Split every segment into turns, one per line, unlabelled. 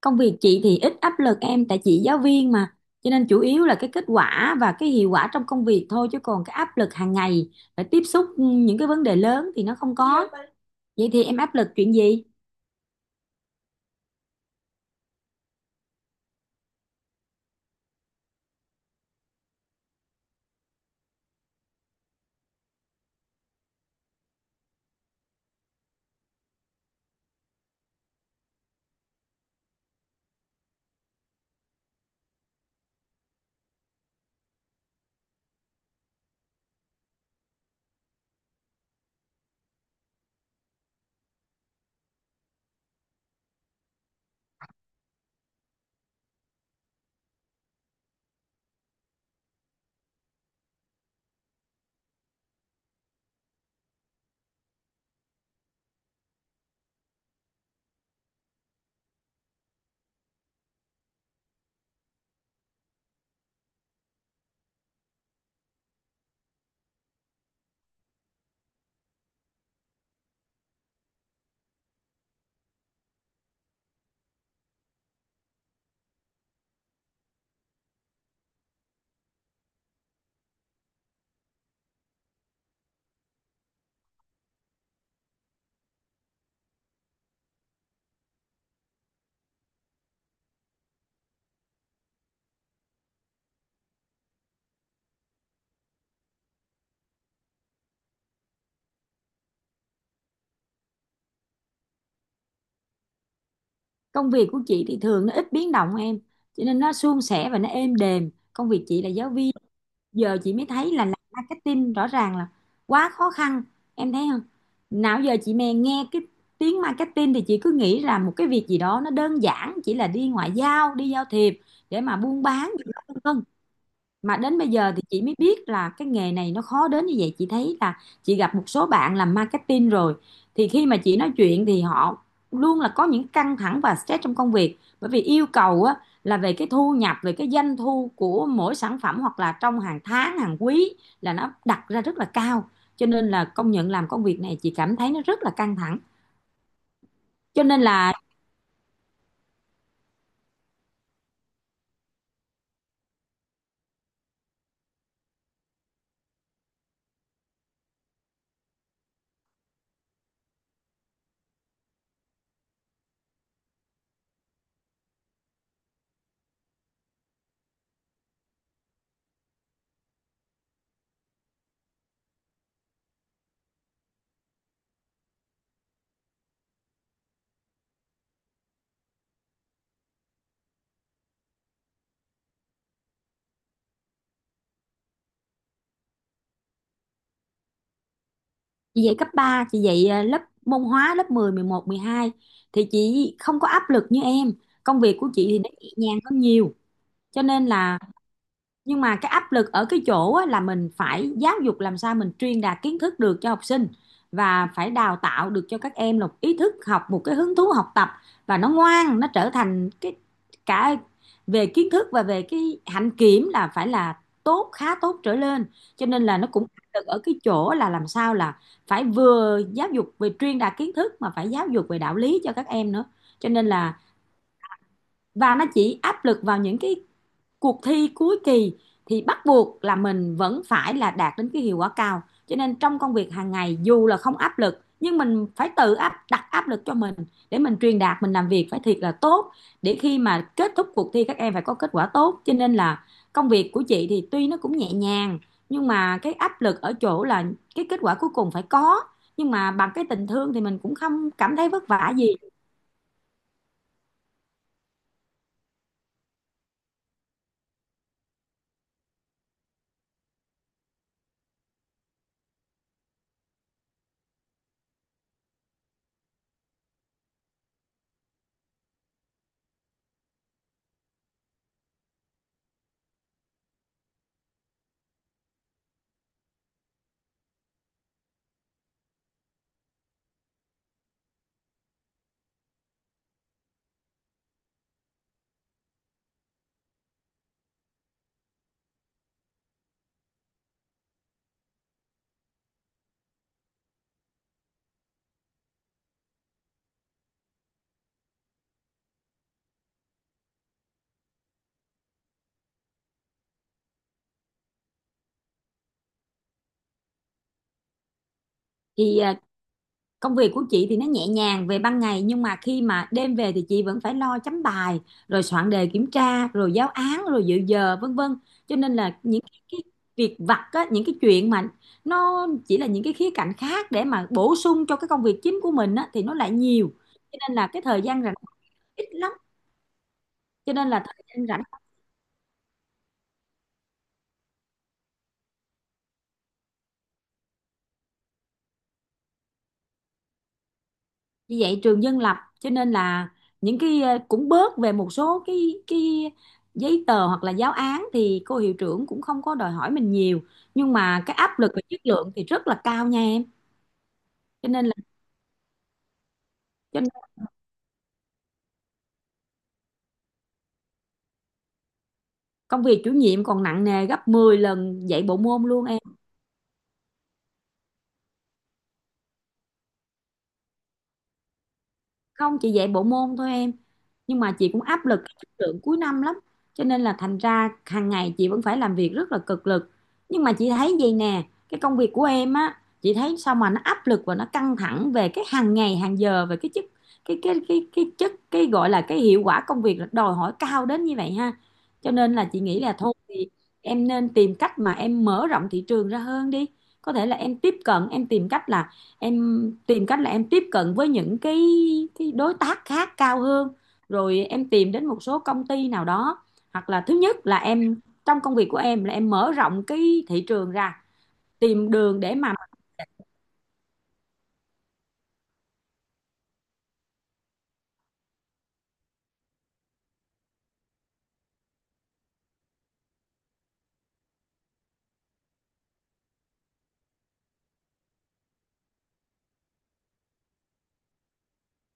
Công việc chị thì ít áp lực em, tại chị giáo viên mà, cho nên chủ yếu là cái kết quả và cái hiệu quả trong công việc thôi, chứ còn cái áp lực hàng ngày phải tiếp xúc những cái vấn đề lớn thì nó không có. Vậy thì em áp lực chuyện gì? Công việc của chị thì thường nó ít biến động em, cho nên nó suôn sẻ và nó êm đềm. Công việc chị là giáo viên. Giờ chị mới thấy là làm marketing rõ ràng là quá khó khăn. Em thấy không, nào giờ chị mè nghe cái tiếng marketing thì chị cứ nghĩ là một cái việc gì đó nó đơn giản, chỉ là đi ngoại giao đi giao thiệp để mà buôn bán gì đó vân vân. Mà đến bây giờ thì chị mới biết là cái nghề này nó khó đến như vậy. Chị thấy là chị gặp một số bạn làm marketing rồi, thì khi mà chị nói chuyện thì họ luôn là có những căng thẳng và stress trong công việc, bởi vì yêu cầu là về cái thu nhập, về cái doanh thu của mỗi sản phẩm hoặc là trong hàng tháng hàng quý, là nó đặt ra rất là cao. Cho nên là công nhận làm công việc này chị cảm thấy nó rất là căng thẳng, cho nên là. Chị dạy cấp ba, chị dạy lớp môn hóa lớp 10, 11, 12, thì chị không có áp lực như em. Công việc của chị thì nó nhẹ nhàng hơn nhiều. Cho nên là, nhưng mà cái áp lực ở cái chỗ là mình phải giáo dục làm sao mình truyền đạt kiến thức được cho học sinh, và phải đào tạo được cho các em một ý thức học, một cái hứng thú học tập, và nó ngoan, nó trở thành cái cả về kiến thức và về cái hạnh kiểm là phải là tốt, khá tốt trở lên. Cho nên là nó cũng áp lực ở cái chỗ là làm sao là phải vừa giáo dục về truyền đạt kiến thức mà phải giáo dục về đạo lý cho các em nữa, cho nên là. Và nó chỉ áp lực vào những cái cuộc thi cuối kỳ, thì bắt buộc là mình vẫn phải là đạt đến cái hiệu quả cao, cho nên trong công việc hàng ngày dù là không áp lực nhưng mình phải tự áp đặt áp lực cho mình, để mình truyền đạt, mình làm việc phải thiệt là tốt, để khi mà kết thúc cuộc thi các em phải có kết quả tốt. Cho nên là công việc của chị thì tuy nó cũng nhẹ nhàng, nhưng mà cái áp lực ở chỗ là cái kết quả cuối cùng phải có, nhưng mà bằng cái tình thương thì mình cũng không cảm thấy vất vả gì. thì à, Công việc của chị thì nó nhẹ nhàng về ban ngày, nhưng mà khi mà đêm về thì chị vẫn phải lo chấm bài, rồi soạn đề kiểm tra, rồi giáo án, rồi dự giờ vân vân. Cho nên là những cái việc vặt những cái chuyện mà nó chỉ là những cái khía cạnh khác để mà bổ sung cho cái công việc chính của mình thì nó lại nhiều, cho nên là cái thời gian rảnh ít lắm, cho nên là thời gian rảnh. Như vậy trường dân lập, cho nên là những cái cũng bớt về một số cái giấy tờ hoặc là giáo án thì cô hiệu trưởng cũng không có đòi hỏi mình nhiều, nhưng mà cái áp lực về chất lượng thì rất là cao nha em, cho nên là. Cho nên công việc chủ nhiệm còn nặng nề gấp 10 lần dạy bộ môn luôn em. Không, chỉ dạy bộ môn thôi em, nhưng mà chị cũng áp lực cái chất lượng cuối năm lắm, cho nên là thành ra hàng ngày chị vẫn phải làm việc rất là cực lực. Nhưng mà chị thấy vậy nè, cái công việc của em á, chị thấy sao mà nó áp lực và nó căng thẳng về cái hàng ngày hàng giờ, về cái chất, cái chất, cái gọi là cái hiệu quả công việc là đòi hỏi cao đến như vậy ha. Cho nên là chị nghĩ là thôi thì em nên tìm cách mà em mở rộng thị trường ra hơn đi. Có thể là em tiếp cận, em tìm cách là em, tìm cách là em tiếp cận với những cái đối tác khác cao hơn, rồi em tìm đến một số công ty nào đó, hoặc là thứ nhất là em, trong công việc của em là em mở rộng cái thị trường ra, tìm đường để mà.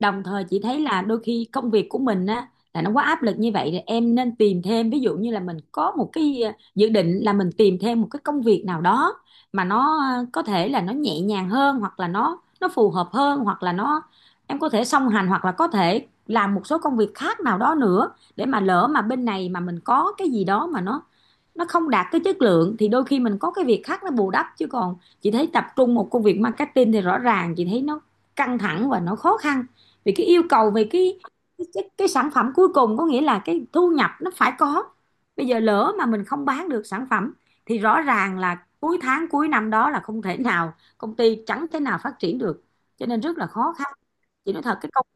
Đồng thời chị thấy là đôi khi công việc của mình á là nó quá áp lực như vậy, thì em nên tìm thêm, ví dụ như là mình có một cái dự định là mình tìm thêm một cái công việc nào đó mà nó, có thể là nó nhẹ nhàng hơn, hoặc là nó phù hợp hơn, hoặc là nó, em có thể song hành hoặc là có thể làm một số công việc khác nào đó nữa, để mà lỡ mà bên này mà mình có cái gì đó mà nó không đạt cái chất lượng, thì đôi khi mình có cái việc khác nó bù đắp. Chứ còn chị thấy tập trung một công việc marketing thì rõ ràng chị thấy nó căng thẳng và nó khó khăn, vì cái yêu cầu về cái cái sản phẩm cuối cùng, có nghĩa là cái thu nhập nó phải có. Bây giờ lỡ mà mình không bán được sản phẩm, thì rõ ràng là cuối tháng cuối năm đó là không thể nào, công ty chẳng thể nào phát triển được, cho nên rất là khó khăn. Chị nói thật, cái công.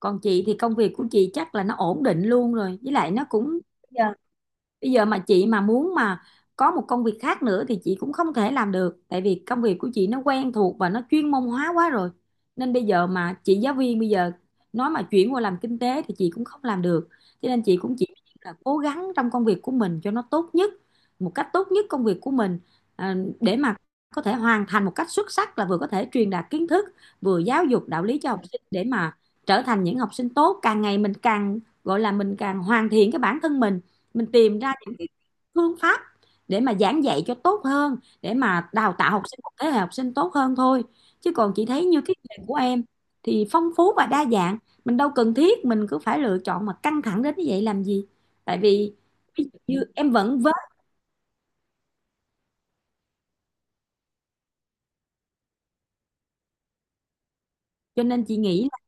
Còn chị thì công việc của chị chắc là nó ổn định luôn rồi, với lại nó cũng. Dạ. Bây giờ mà chị mà muốn mà có một công việc khác nữa thì chị cũng không thể làm được, tại vì công việc của chị nó quen thuộc và nó chuyên môn hóa quá rồi, nên bây giờ mà chị giáo viên bây giờ nói mà chuyển qua làm kinh tế thì chị cũng không làm được. Cho nên chị cũng chỉ là cố gắng trong công việc của mình cho nó tốt nhất, một cách tốt nhất công việc của mình, để mà có thể hoàn thành một cách xuất sắc, là vừa có thể truyền đạt kiến thức, vừa giáo dục đạo lý cho học sinh, để mà trở thành những học sinh tốt, càng ngày mình càng gọi là mình càng hoàn thiện cái bản thân mình tìm ra những cái phương pháp để mà giảng dạy cho tốt hơn, để mà đào tạo học sinh, một thế hệ học sinh tốt hơn thôi. Chứ còn chị thấy như cái nghề của em thì phong phú và đa dạng, mình đâu cần thiết mình cứ phải lựa chọn mà căng thẳng đến như vậy làm gì. Tại vì ví dụ như em vẫn vớt, cho nên chị nghĩ là.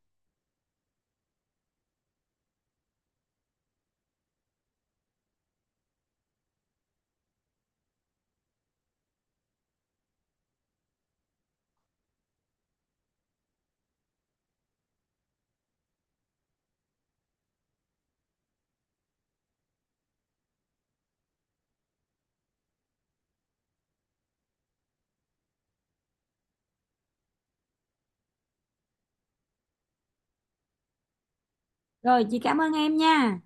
Rồi chị cảm ơn em nha.